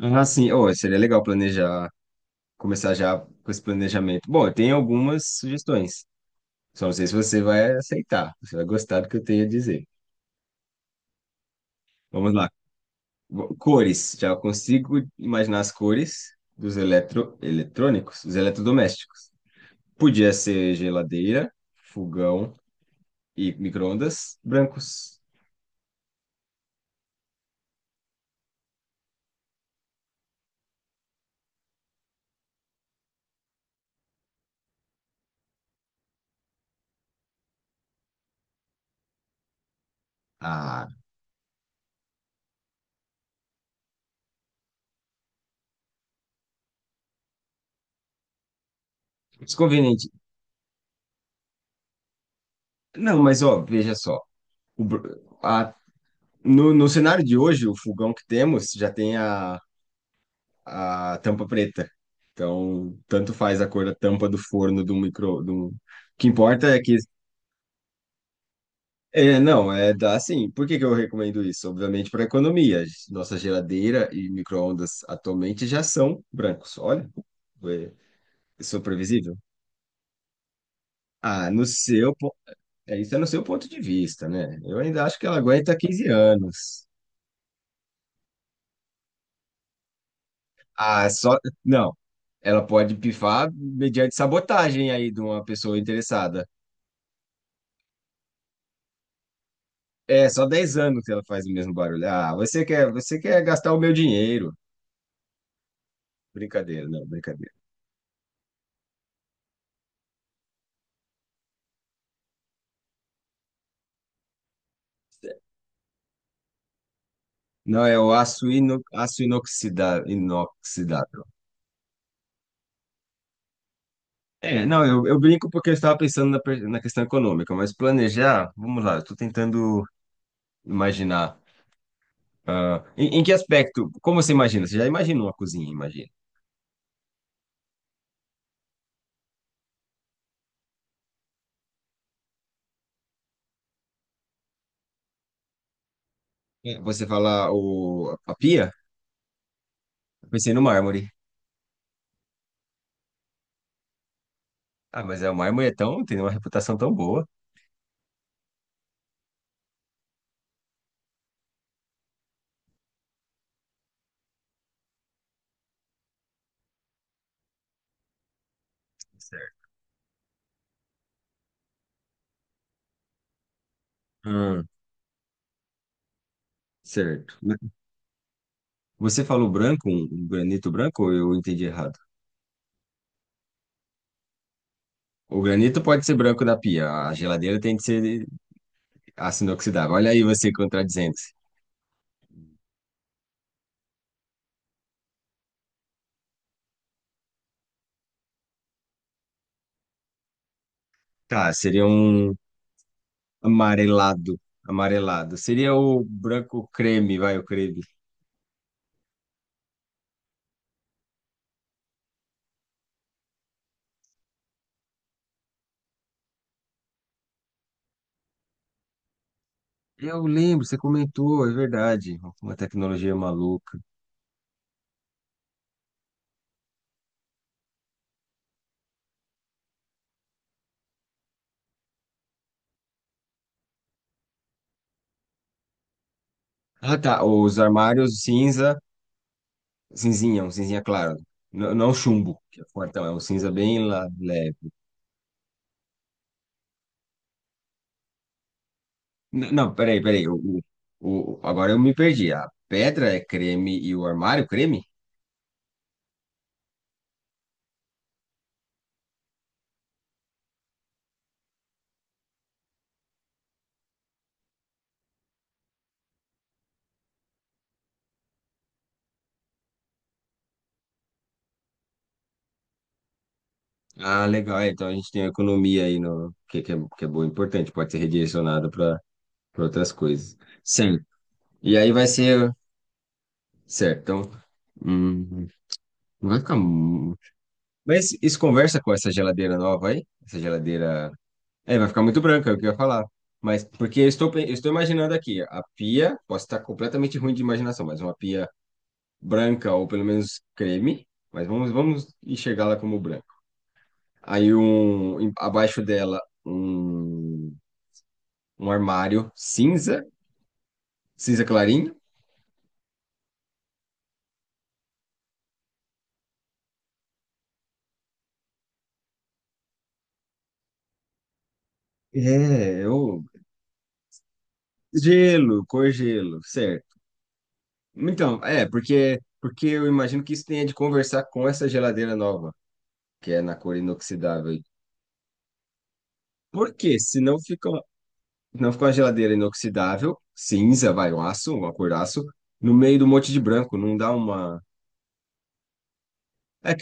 Ah, sim. Oh, seria legal planejar, começar já com esse planejamento. Bom, eu tenho algumas sugestões. Só não sei se você vai aceitar, você vai gostar do que eu tenho a dizer. Vamos lá. Cores. Já consigo imaginar as cores dos eletrônicos, dos eletrodomésticos. Podia ser geladeira, fogão e micro-ondas brancos. Ah, desconveniente. Não, mas ó, veja só. O br- a- no cenário de hoje, o fogão que temos já tem a tampa preta. Então, tanto faz a cor da tampa do forno do micro, O que importa é que é, não, é dá assim. Por que que eu recomendo isso? Obviamente para economia. Nossa geladeira e micro-ondas atualmente já são brancos. Olha, é, isso é previsível. Ah, no seu, po- é, isso é no seu ponto de vista, né? Eu ainda acho que ela aguenta 15 anos. Ah, só, não. Ela pode pifar mediante sabotagem aí de uma pessoa interessada. É, só 10 anos que ela faz o mesmo barulho. Ah, você quer gastar o meu dinheiro. Brincadeira. Não, é o aço inoxidável. É, não, eu brinco porque eu estava pensando na questão econômica, mas planejar, vamos lá, eu estou tentando imaginar. Em que aspecto? Como você imagina? Você já imagina uma cozinha, imagina. É. Você falar a pia? Eu pensei no mármore. Ah, mas o mármore é tão, tem uma reputação tão boa. Certo. Hum, certo. Você falou branco, um granito branco, ou eu entendi errado? O granito pode ser branco da pia, a geladeira tem que ser aço inoxidável. Olha aí você contradizendo-se. Tá, seria um amarelado, amarelado. Seria o branco creme, vai, o creme. Eu lembro, você comentou, é verdade. Uma tecnologia maluca. Ah, tá, os armários cinza, cinzinha, um cinzinha claro. Não chumbo, que é fortão, é um cinza bem lá, leve. Não, peraí, peraí. Agora eu me perdi. A pedra é creme e o armário creme? Ah, legal. Então a gente tem uma economia aí no que, que é boa, importante. Pode ser redirecionada para outras coisas. Certo. E aí vai ser. Certo. Então. hum, não vai ficar. Mas isso conversa com essa geladeira nova aí? Essa geladeira. É, vai ficar muito branca, é o que eu ia falar. Mas porque eu estou imaginando aqui, a pia, posso estar completamente ruim de imaginação, mas uma pia branca, ou pelo menos creme, mas vamos enxergá-la como branca. Aí abaixo dela um armário cinza, cinza clarinho. É, gelo, cor gelo, certo. Então, porque, eu imagino que isso tenha de conversar com essa geladeira nova, que é na cor inoxidável. Por quê? Não fica uma geladeira inoxidável, cinza, vai, um aço, uma cor aço, no meio do monte de branco, não dá uma. É,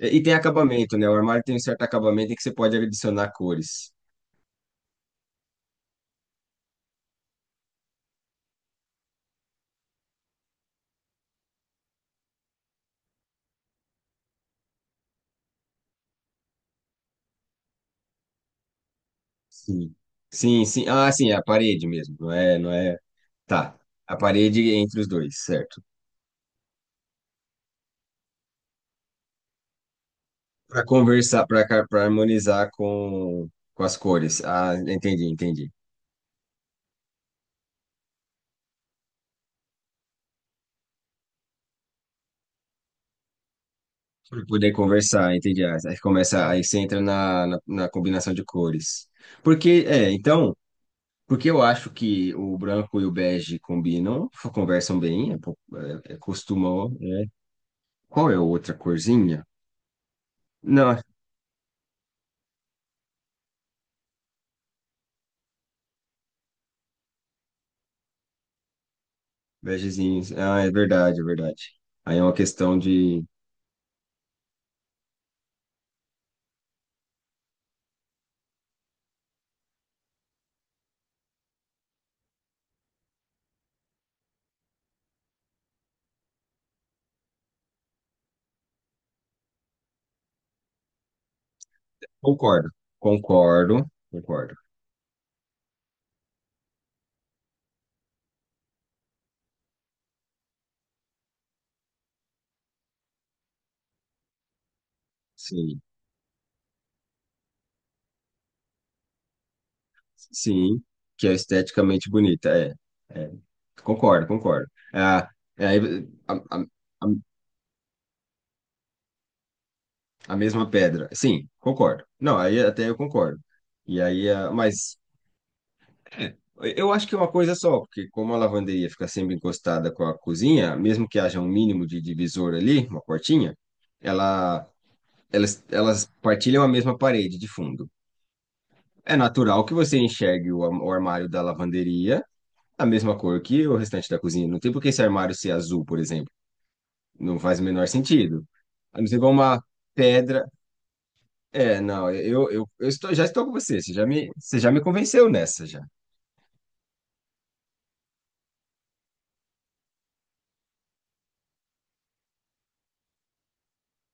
e tem acabamento, né? O armário tem um certo acabamento em que você pode adicionar cores. Sim. Sim, sim. Ah, sim, é a parede mesmo. Não é, não é. Tá. A parede entre os dois, certo? Para conversar, para harmonizar com as cores. Ah, entendi, entendi. Para poder conversar, entendi. Ah, aí começa, aí você entra na combinação de cores. Então, porque eu acho que o branco e o bege combinam, conversam bem, costumam. É. Qual é a outra corzinha? Não, vegezinhos. Ah, é verdade, é verdade. Aí é uma questão de. Concordo, concordo, concordo. Sim, sim, que é esteticamente bonita. É, é. Concordo, concordo. Ah, é, aí, a, a, a a mesma pedra. Sim, concordo. Não, aí até eu concordo. E aí, mas eu acho que é uma coisa só, porque como a lavanderia fica sempre encostada com a cozinha, mesmo que haja um mínimo de divisor ali, uma portinha, ela elas partilham a mesma parede de fundo. É natural que você enxergue o armário da lavanderia a mesma cor que o restante da cozinha. Não tem por que esse armário ser azul, por exemplo. Não faz o menor sentido. A não ser que uma pedra. É, não, eu, já estou com você. Você já me convenceu nessa já.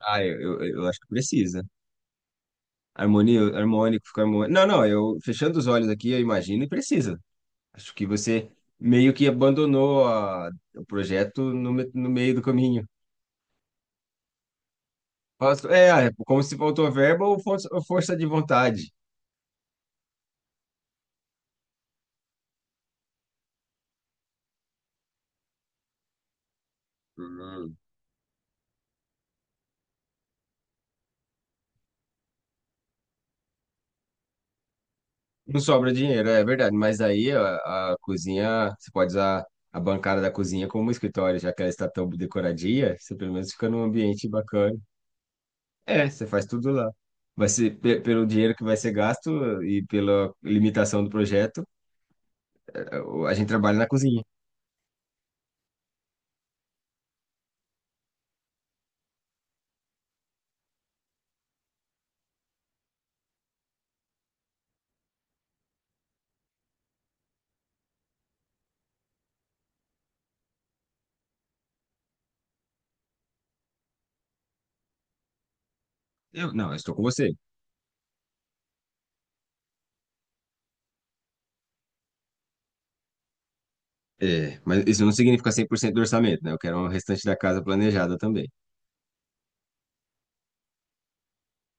Ah, eu acho que precisa. Harmonia, harmônico, fica harmônico. Não, não, eu fechando os olhos aqui, eu imagino e precisa. Acho que você meio que abandonou o projeto no meio do caminho. É, é, como se faltou verba ou força de vontade. Hum. Não sobra dinheiro, é verdade. Mas aí a cozinha, você pode usar a bancada da cozinha como um escritório, já que ela está tão decoradinha, você pelo menos fica num ambiente bacana. É, você faz tudo lá. Vai ser pelo dinheiro que vai ser gasto e pela limitação do projeto, a gente trabalha na cozinha. Não, eu estou com você. É, mas isso não significa 100% do orçamento, né? Eu quero o restante da casa planejada também.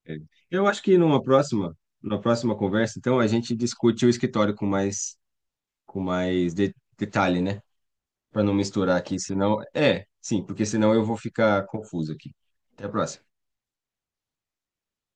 É. Eu acho que numa próxima, conversa, então, a gente discute o escritório detalhe, né? Para não misturar aqui, senão. É, sim, porque senão eu vou ficar confuso aqui. Até a próxima.